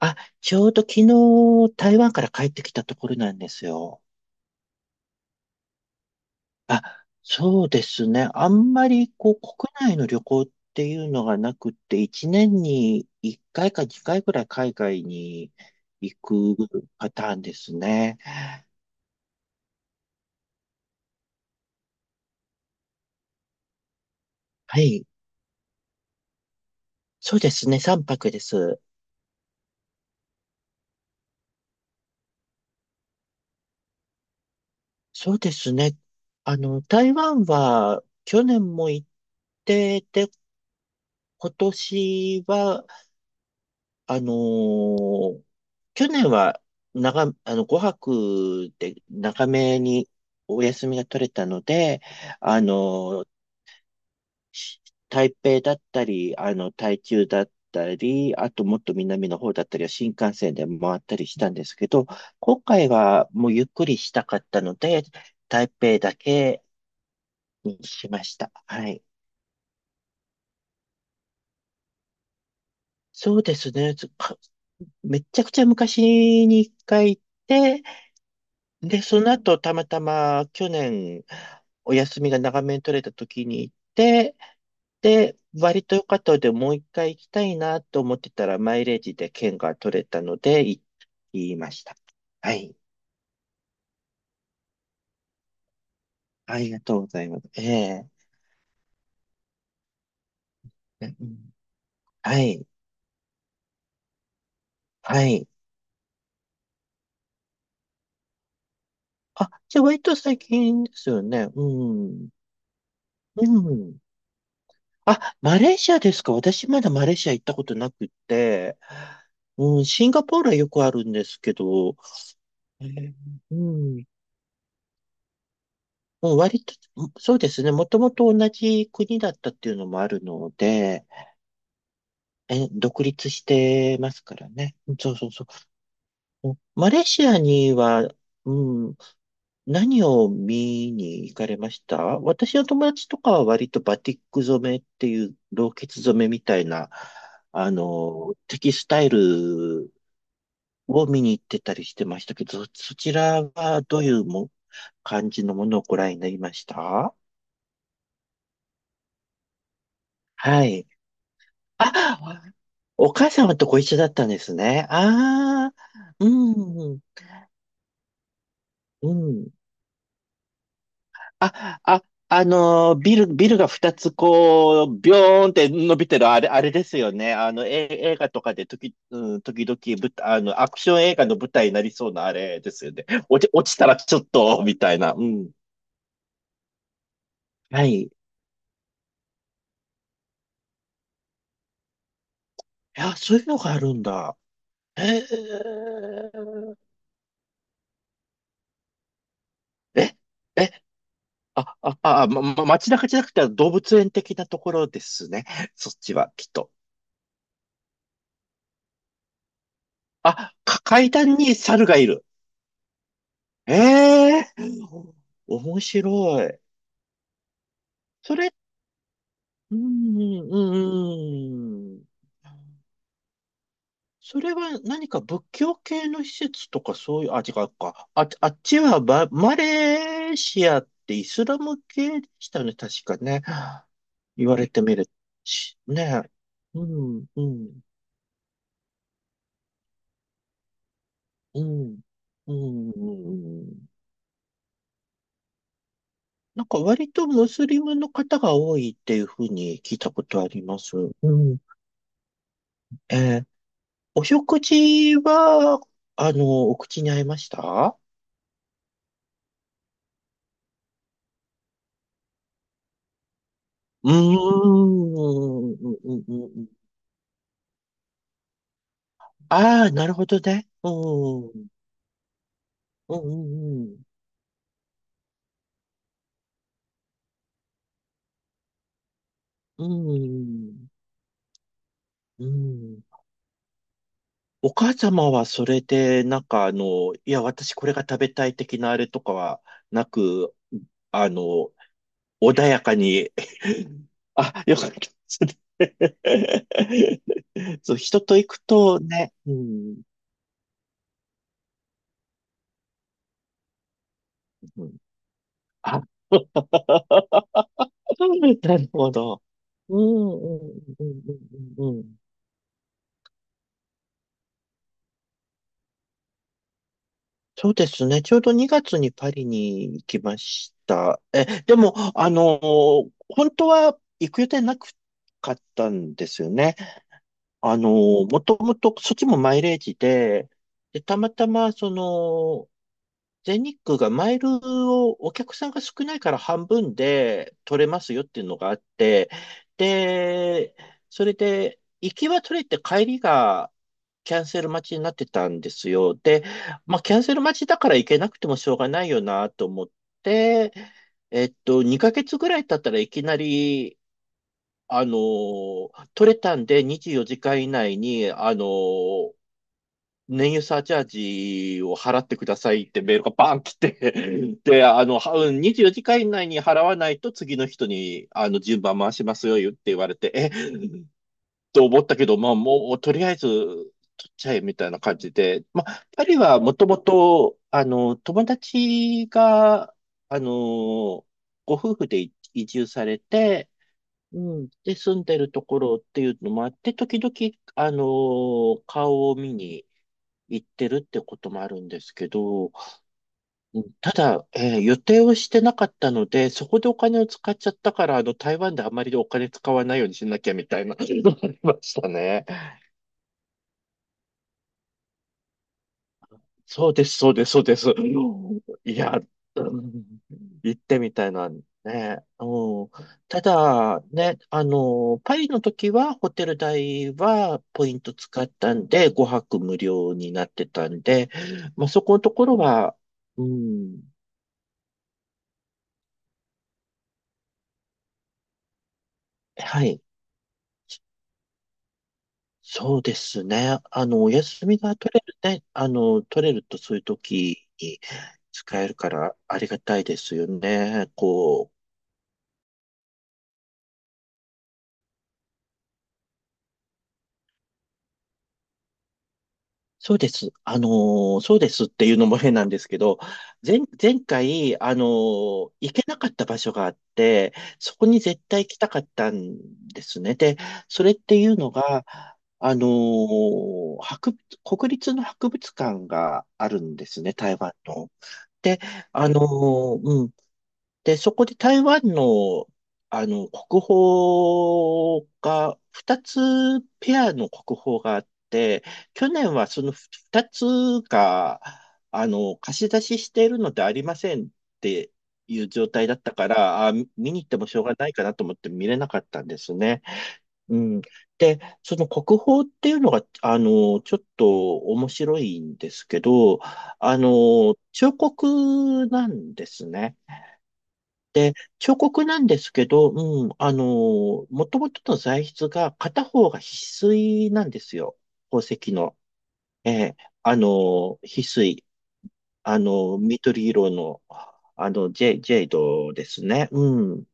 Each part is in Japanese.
あ、ちょうど昨日台湾から帰ってきたところなんですよ。あ、そうですね。あんまりこう国内の旅行っていうのがなくって、1年に1回か2回ぐらい海外に行くパターンですね。はい。そうですね。3泊です。そうですね。台湾は去年も行って、で、今年はあのー去年は長、あの、5泊で長めにお休みが取れたので、あのーし台北だったり、台中だったり、あともっと南の方だったりは新幹線で回ったりしたんですけど、今回はもうゆっくりしたかったので、台北だけにしました。はい。そうですね。めちゃくちゃ昔に一回行って、で、その後、たまたま去年、お休みが長めに取れた時に行って、で、割と良かったので、もう一回行きたいなと思ってたら、マイレージで券が取れたので、行きました。はい。ありがとうございます。ええ。うん。はい。はい。あ、じゃあ割と最近ですよね。うん。うん。あ、マレーシアですか。私まだマレーシア行ったことなくて、うん、シンガポールはよくあるんですけど、えーうん。もう割と、そうですね。もともと同じ国だったっていうのもあるので、え、独立してますからね。そうそうそう。マレーシアには、うん、何を見に行かれました？私の友達とかは割とバティック染めっていう老血染めみたいな、テキスタイルを見に行ってたりしてましたけど、そちらはどういう感じのものをご覧になりました？はい。あ、お母様とご一緒だったんですね。ああ、うん、うん。あ、あ、ビルが二つこう、ビョーンって伸びてる、あれ、あれですよね。映画とかでうん、時々舞台、アクション映画の舞台になりそうなあれですよね。落ちたらちょっと、みたいな。うん。はい。いや、そういうのがあるんだ。へえ。え、え、街中じゃなくて動物園的なところですね。そっちは、きっと。階段に猿がいる。ええー、面白い。それ、うん、うん、うん。それは何か仏教系の施設とかそういう、あ、違うか。あ、あっちはバマレーシアってイスラム系でしたよね、確かね。言われてみるし、ね。うん、うん。うん。うん。うんうん。なんか割とムスリムの方が多いっていうふうに聞いたことあります。うん。えーお食事は、お口に合いました？うーん。うんうんうんうん。ああー、なるほどね。うん。うんうんうん。うんうん。お母様はそれで、なんかいや、私これが食べたい的なあれとかはなく、あの、穏やかに、あ、よかったですね。そう、人と行くとね、うん、うん。あ、 なるほど。うん、うん、うん、うん、うんうん。そうですね。ちょうど2月にパリに行きました。でも、本当は行く予定なかったんですよね。もともと、そっちもマイレージで、で、たまたま、全日空がマイルをお客さんが少ないから半分で取れますよっていうのがあって、で、それで行きは取れて帰りがキャンセル待ちになってたんですよ。で、まあキャンセル待ちだから行けなくてもしょうがないよなと思って、2ヶ月ぐらい経ったらいきなり、取れたんで24時間以内に、燃油サーチャージを払ってくださいってメールがバーン来て、で、はにじゅうよじかん24時間以内に払わないと次の人に、順番回しますよ、って言われて、と思ったけど、まあ、もう、とりあえず、取っちゃえ、みたいな感じで、まあ、パリはもともと、友達が、あの、ご夫婦で移住されて、うん、で、住んでるところっていうのもあって、時々、顔を見に、行ってるってこともあるんですけど、うん。ただ、予定をしてなかったので、そこでお金を使っちゃったから、台湾であまりお金使わないようにしなきゃみたいな のがありましたね。そうです、そうです、そうです。いや、うん、行ってみたいな、ね。うん、ただ、ね、パリの時はホテル代はポイント使ったんで、5泊無料になってたんで、まあ、そこのところは、うん、はい。そうですね。お休みが取れるね。取れるとそういう時に使えるからありがたいですよね。こう、そうです。そうですっていうのも変なんですけど、前回、行けなかった場所があって、そこに絶対行きたかったんですね。で、それっていうのが、あの、博物、国立の博物館があるんですね、台湾の。で、うん、で、そこで台湾の、国宝が、二つペアの国宝があって、去年はその二つが、貸し出ししているのでありませんっていう状態だったから、あ、見に行ってもしょうがないかなと思って見れなかったんですね。うん。で、その国宝っていうのが、ちょっと面白いんですけど、彫刻なんですね。で、彫刻なんですけど、うん、もともとの材質が片方が翡翠なんですよ。宝石の。ええ、あの翡翠。緑色の、ジェイドですね。うん。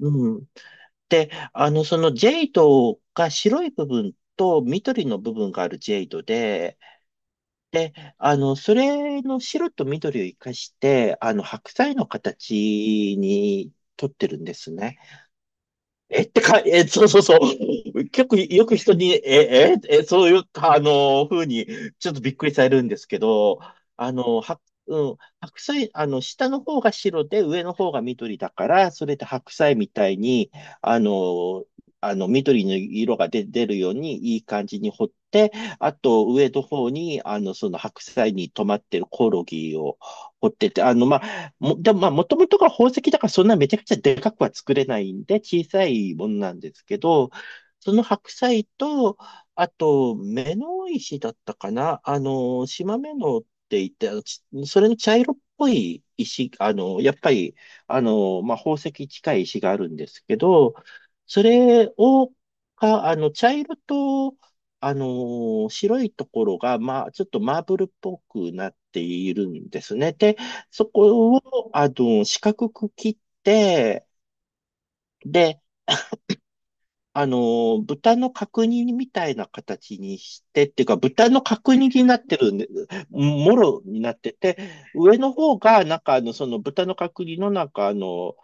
うん。で、そのジェイドが白い部分と緑の部分があるジェイドで、で、それの白と緑を生かして、白菜の形に取ってるんですね。えってか、え、そうそうそう。結構よく人に、そういう、風に、ちょっとびっくりされるんですけど、あの、は、うん、白菜、下の方が白で上の方が緑だから、それで白菜みたいに、あの、緑の色が出るようにいい感じに掘って、あと、上の方に、その白菜に止まってるコオロギを掘ってて、まあ、でもまあ、もともとが宝石だからそんなめちゃくちゃでかくは作れないんで、小さいものなんですけど、その白菜と、あと、目の石だったかな、島目のって言って、それの茶色っぽい石、やっぱり、まあ、宝石近い石があるんですけど、それを、か、あの、茶色と、白いところが、まあ、ちょっとマーブルっぽくなっているんですね。で、そこを四角く切って、で、豚の角煮みたいな形にして、っていうか、豚の角煮になってるんで、もろになってて、上の方が、なんかその豚の角煮のなんか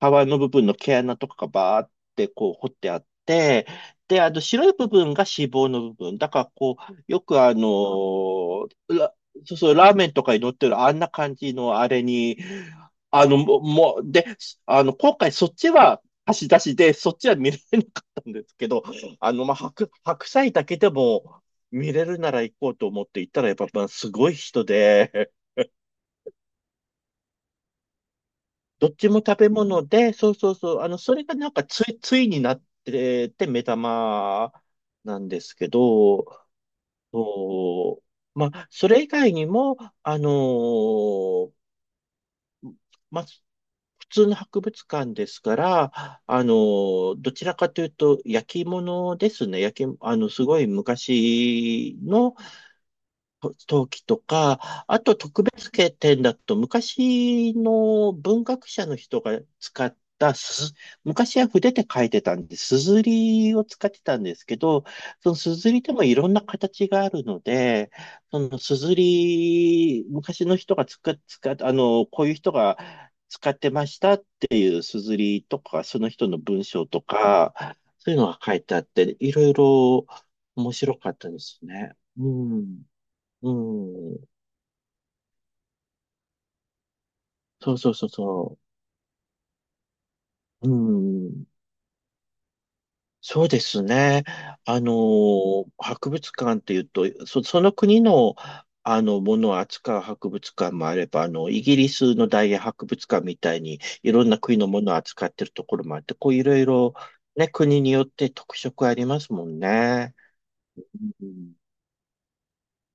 皮の部分の毛穴とかがバーってこう掘ってあって、で、白い部分が脂肪の部分。だから、こう、よくそうそう、ラーメンとかに乗ってるあんな感じのあれに、もう、もうで、あの、今回そっちは、貸し出しで、そっちは見れんですけど、まあ、白菜だけでも見れるなら行こうと思って行ったら、やっぱ、まあ、すごい人で、どっちも食べ物で、そうそうそう、それがなんかついになってて、目玉なんですけど、そう、まあ、それ以外にも、あのーまあ、普通の博物館ですから、どちらかというと、焼き物ですね。焼き、あの、すごい昔の、と陶器とか、あと特別景点だと昔の文学者の人が使ったすず、昔は筆で書いてたんで、すずりを使ってたんですけど、そのすずりでもいろんな形があるので、そのすずり、昔の人が使っ、使っ、あの、こういう人が使ってましたっていうすずりとか、その人の文章とか、そういうのが書いてあって、いろいろ面白かったですね。うん。うん。そうそうそうそう。うん。そうですね。博物館っていうと、その国の、ものを扱う博物館もあれば、イギリスの大英博物館みたいに、いろんな国のものを扱ってるところもあって、こう、いろいろ、ね、国によって特色ありますもんね。うん